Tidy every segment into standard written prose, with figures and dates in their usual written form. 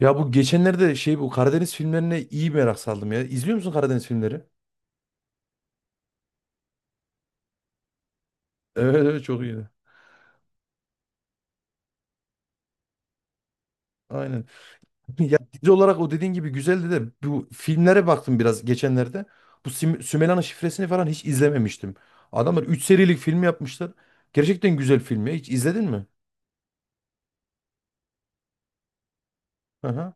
Ya bu geçenlerde bu Karadeniz filmlerine iyi merak saldım ya. İzliyor musun Karadeniz filmleri? Evet evet çok iyiydi. Aynen. Ya dizi olarak o dediğin gibi güzeldi de bu filmlere baktım biraz geçenlerde. Bu Sümeyla'nın şifresini falan hiç izlememiştim. Adamlar 3 serilik film yapmışlar. Gerçekten güzel film ya. Hiç izledin mi? Aha.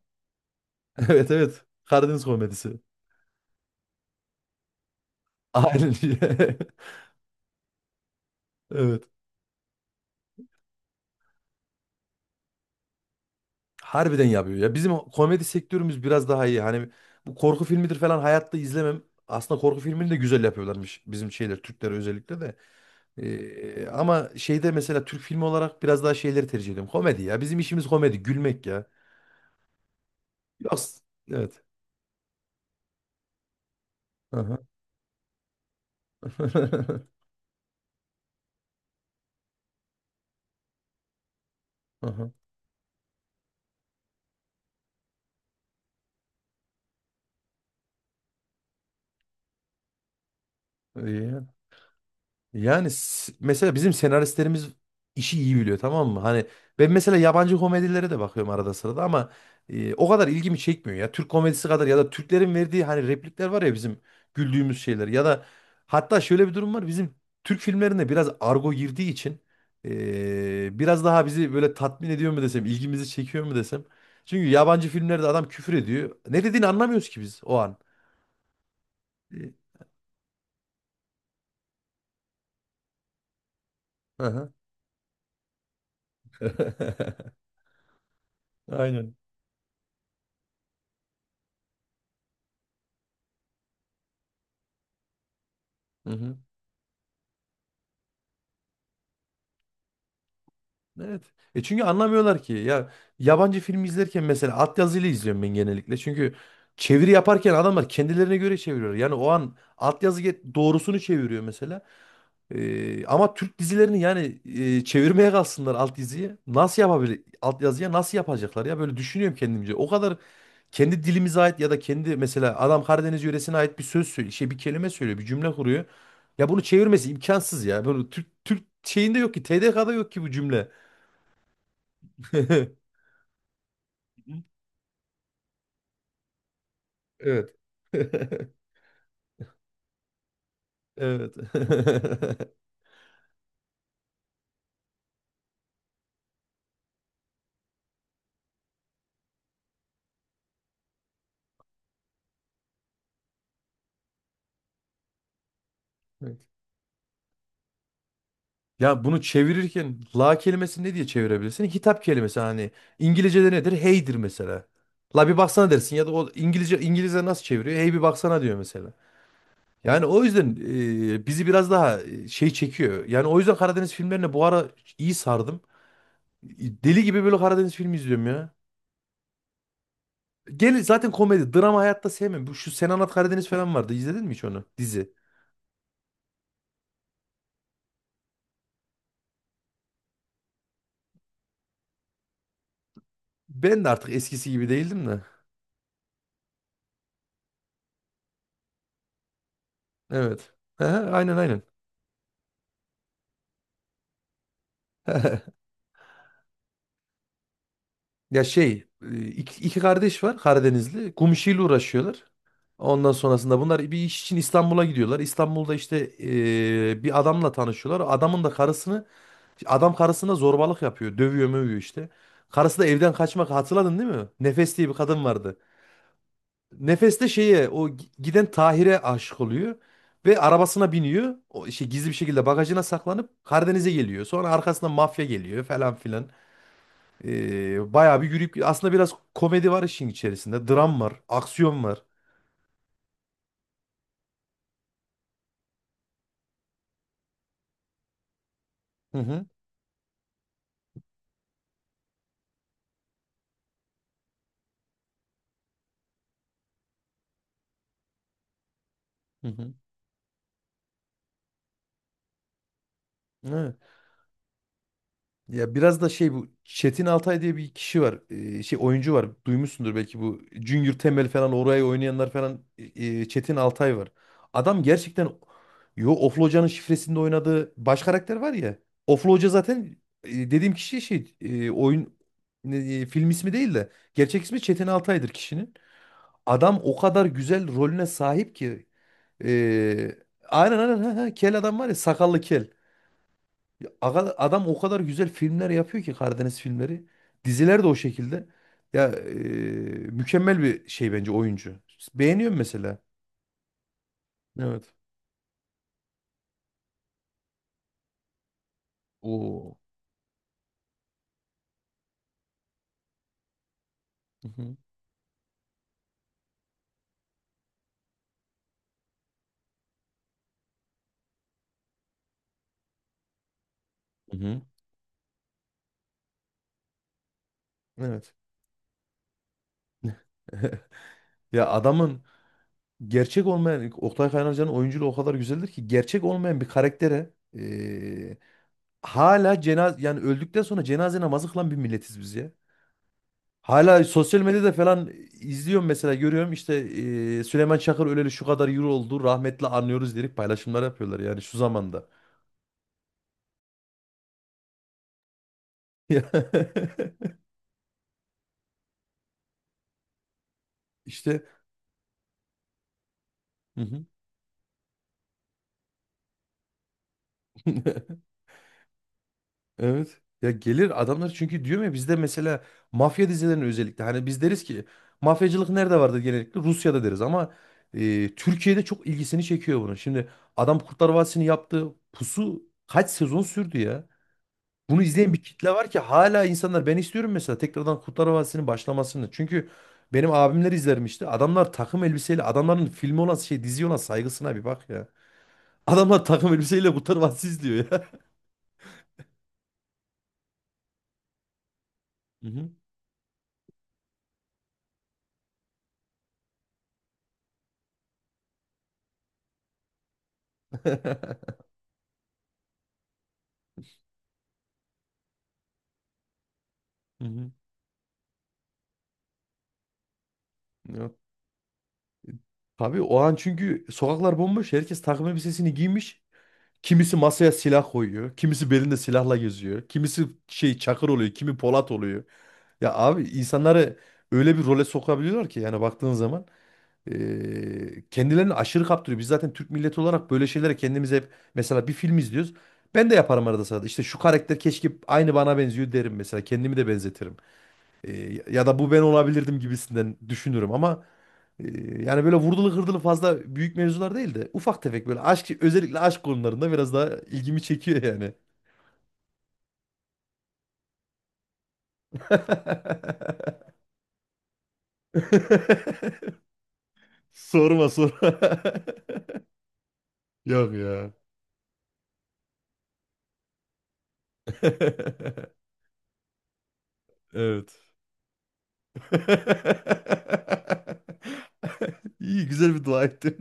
Evet evet. Karadeniz komedisi. Aynen. Evet. Harbiden yapıyor ya. Bizim komedi sektörümüz biraz daha iyi. Hani bu korku filmidir falan hayatta izlemem. Aslında korku filmini de güzel yapıyorlarmış bizim Türkler özellikle de. Ama mesela Türk filmi olarak biraz daha tercih ediyorum. Komedi ya. Bizim işimiz komedi, gülmek ya. Yok. Evet. Aha. Aha. İyi. Mesela bizim senaristlerimiz işi iyi biliyor, tamam mı? Hani ben mesela yabancı komedilere de bakıyorum arada sırada ama o kadar ilgimi çekmiyor ya. Türk komedisi kadar ya da Türklerin verdiği hani replikler var ya bizim güldüğümüz şeyler ya da hatta şöyle bir durum var. Bizim Türk filmlerinde biraz argo girdiği için biraz daha bizi böyle tatmin ediyor mu desem, ilgimizi çekiyor mu desem. Çünkü yabancı filmlerde adam küfür ediyor. Ne dediğini anlamıyoruz ki biz o an. E, Aha. Aynen. Evet. E çünkü anlamıyorlar ki. Ya yabancı film izlerken mesela altyazıyla izliyorum ben genellikle. Çünkü çeviri yaparken adamlar kendilerine göre çeviriyor. Yani o an doğrusunu çeviriyor mesela. Ama Türk dizilerini yani çevirmeye kalsınlar alt diziyi. Nasıl yapabilir? Altyazıya nasıl yapacaklar ya? Böyle düşünüyorum kendimce. O kadar kendi dilimize ait ya da kendi mesela adam Karadeniz yöresine ait bir söz söylüyor, bir kelime söylüyor, bir cümle kuruyor. Ya bunu çevirmesi imkansız ya. Bunu Türk şeyinde yok ki, TDK'da yok ki bu cümle. Evet. Evet. Evet. Ya bunu çevirirken la kelimesini ne diye çevirebilirsin? Hitap kelimesi hani İngilizce'de nedir? Hey'dir mesela. La bir baksana dersin ya da o İngilizce nasıl çeviriyor? Hey bir baksana diyor mesela. Yani o yüzden bizi biraz daha çekiyor. Yani o yüzden Karadeniz filmlerine bu ara iyi sardım. Deli gibi böyle Karadeniz filmi izliyorum ya. Gel zaten komedi, drama hayatta sevmem. Şu Sen Anlat Karadeniz falan vardı. İzledin mi hiç onu? Dizi. Ben de artık eskisi gibi değildim de. Evet. Hı hı, aynen aynen. Ya iki kardeş var Karadenizli. Kum işiyle uğraşıyorlar. Ondan sonrasında bunlar bir iş için İstanbul'a gidiyorlar. İstanbul'da işte bir adamla tanışıyorlar. Adamın da karısını Adam karısına zorbalık yapıyor. Dövüyor mövüyor işte. Karısı da evden kaçmak, hatırladın değil mi? Nefes diye bir kadın vardı. Nefeste şeye o giden Tahir'e aşık oluyor ve arabasına biniyor. O şey Gizli bir şekilde bagajına saklanıp Karadeniz'e geliyor. Sonra arkasından mafya geliyor falan filan. Bayağı bir yürüyüp aslında biraz komedi var işin içerisinde. Dram var, aksiyon var. Hı hı. Hı hı. Evet. Ya biraz da bu Çetin Altay diye bir kişi var. Oyuncu var. Duymuşsundur belki bu Junior Temel falan oraya oynayanlar falan Çetin Altay var. Adam gerçekten, Oflu Hoca'nın şifresinde oynadığı baş karakter var ya. Oflu Hoca zaten dediğim kişi, film ismi değil de gerçek ismi Çetin Altay'dır kişinin. Adam o kadar güzel rolüne sahip ki, e, aynen aynen, ha, ha, kel adam var ya, sakallı kel. Adam o kadar güzel filmler yapıyor ki Karadeniz filmleri. Diziler de o şekilde. Ya e, Mükemmel bir şey bence oyuncu. Beğeniyorum mesela. Evet. Oo. Mhm. Hı hı. Hı. Evet. Ya adamın gerçek olmayan Oktay Kaynarca'nın oyunculuğu o kadar güzeldir ki gerçek olmayan bir karaktere, e, hala yani öldükten sonra cenaze namazı kılan bir milletiz biz ya. Hala sosyal medyada falan izliyorum mesela, görüyorum işte Süleyman Çakır öleli şu kadar euro oldu rahmetli, anlıyoruz diyerek paylaşımlar yapıyorlar yani şu zamanda. İşte hı hı. Evet, ya gelir adamlar çünkü diyorum ya, bizde mesela mafya dizilerinin özellikle, hani biz deriz ki mafyacılık nerede vardır, genellikle Rusya'da deriz ama Türkiye'de çok ilgisini çekiyor bunu. Şimdi adam Kurtlar Vadisi'ni yaptı, pusu kaç sezon sürdü ya. Bunu izleyen bir kitle var ki hala, insanlar ben istiyorum mesela tekrardan Kurtlar Vadisi'nin başlamasını. Çünkü benim abimler izlermişti. Adamlar takım elbiseyle, adamların filmi olan şey dizi olan saygısına bir bak ya. Adamlar takım elbiseyle Kurtlar Vadisi izliyor ya. Hı hı. Hı hı. Ya, tabii o an çünkü sokaklar bomboş. Herkes takım elbisesini giymiş. Kimisi masaya silah koyuyor. Kimisi belinde silahla geziyor. Kimisi Çakır oluyor. Kimi Polat oluyor. Ya abi, insanları öyle bir role sokabiliyorlar ki yani baktığın zaman. Kendilerini aşırı kaptırıyor. Biz zaten Türk milleti olarak böyle şeylere kendimiz hep, mesela bir film izliyoruz. Ben de yaparım arada sırada. İşte şu karakter keşke, aynı bana benziyor derim mesela. Kendimi de benzetirim. Ya da bu ben olabilirdim gibisinden düşünürüm ama yani böyle vurdulu kırdılı fazla büyük mevzular değil de ufak tefek böyle aşk, özellikle aşk konularında biraz daha ilgimi çekiyor yani. Sorma sorma. Yok ya. Evet. İyi, güzel bir dua ettin.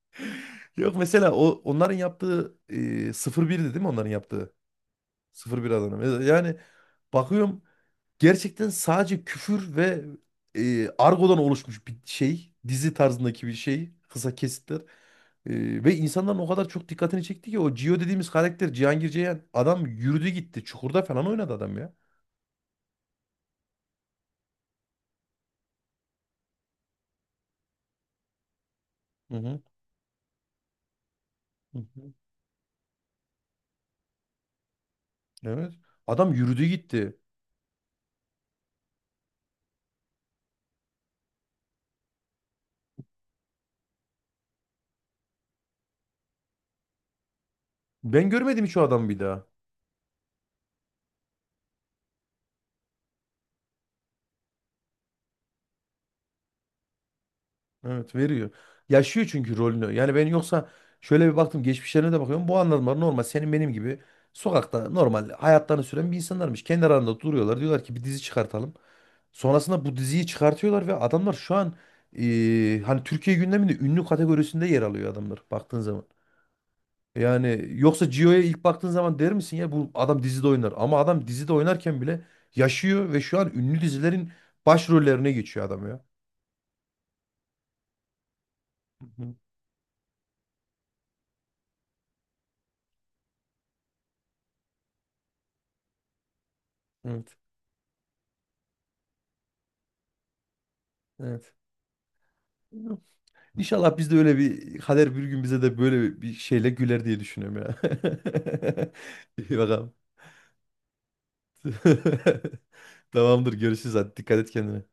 Yok, mesela o onların yaptığı, 0-1'di değil mi onların yaptığı? Sıfır bir Adana. Mesela. Yani bakıyorum gerçekten sadece küfür ve argodan oluşmuş bir şey. Dizi tarzındaki bir şey. Kısa kesitler. Ve insanların o kadar çok dikkatini çekti ki o Gio dediğimiz karakter Cihangir Ceyhan, adam yürüdü gitti. Çukurda falan oynadı adam ya. Hı hı. Hı hı. Evet. Adam yürüdü gitti. Ben görmedim hiç o adamı bir daha. Evet veriyor. Yaşıyor çünkü rolünü. Yani ben yoksa şöyle bir baktım, geçmişlerine de bakıyorum. Bu adamlar normal senin benim gibi sokakta normal hayatlarını süren bir insanlarmış. Kendi aralarında duruyorlar. Diyorlar ki bir dizi çıkartalım. Sonrasında bu diziyi çıkartıyorlar ve adamlar şu an hani Türkiye gündeminde ünlü kategorisinde yer alıyor adamlar baktığın zaman. Yani yoksa Gio'ya ilk baktığın zaman der misin ya bu adam dizide oynar. Ama adam dizide oynarken bile yaşıyor ve şu an ünlü dizilerin başrollerine geçiyor adam ya. Evet. Evet. İnşallah biz de, öyle bir kader bir gün bize de böyle bir şeyle güler diye düşünüyorum ya. İyi bakalım. Tamamdır, görüşürüz, hadi dikkat et kendine.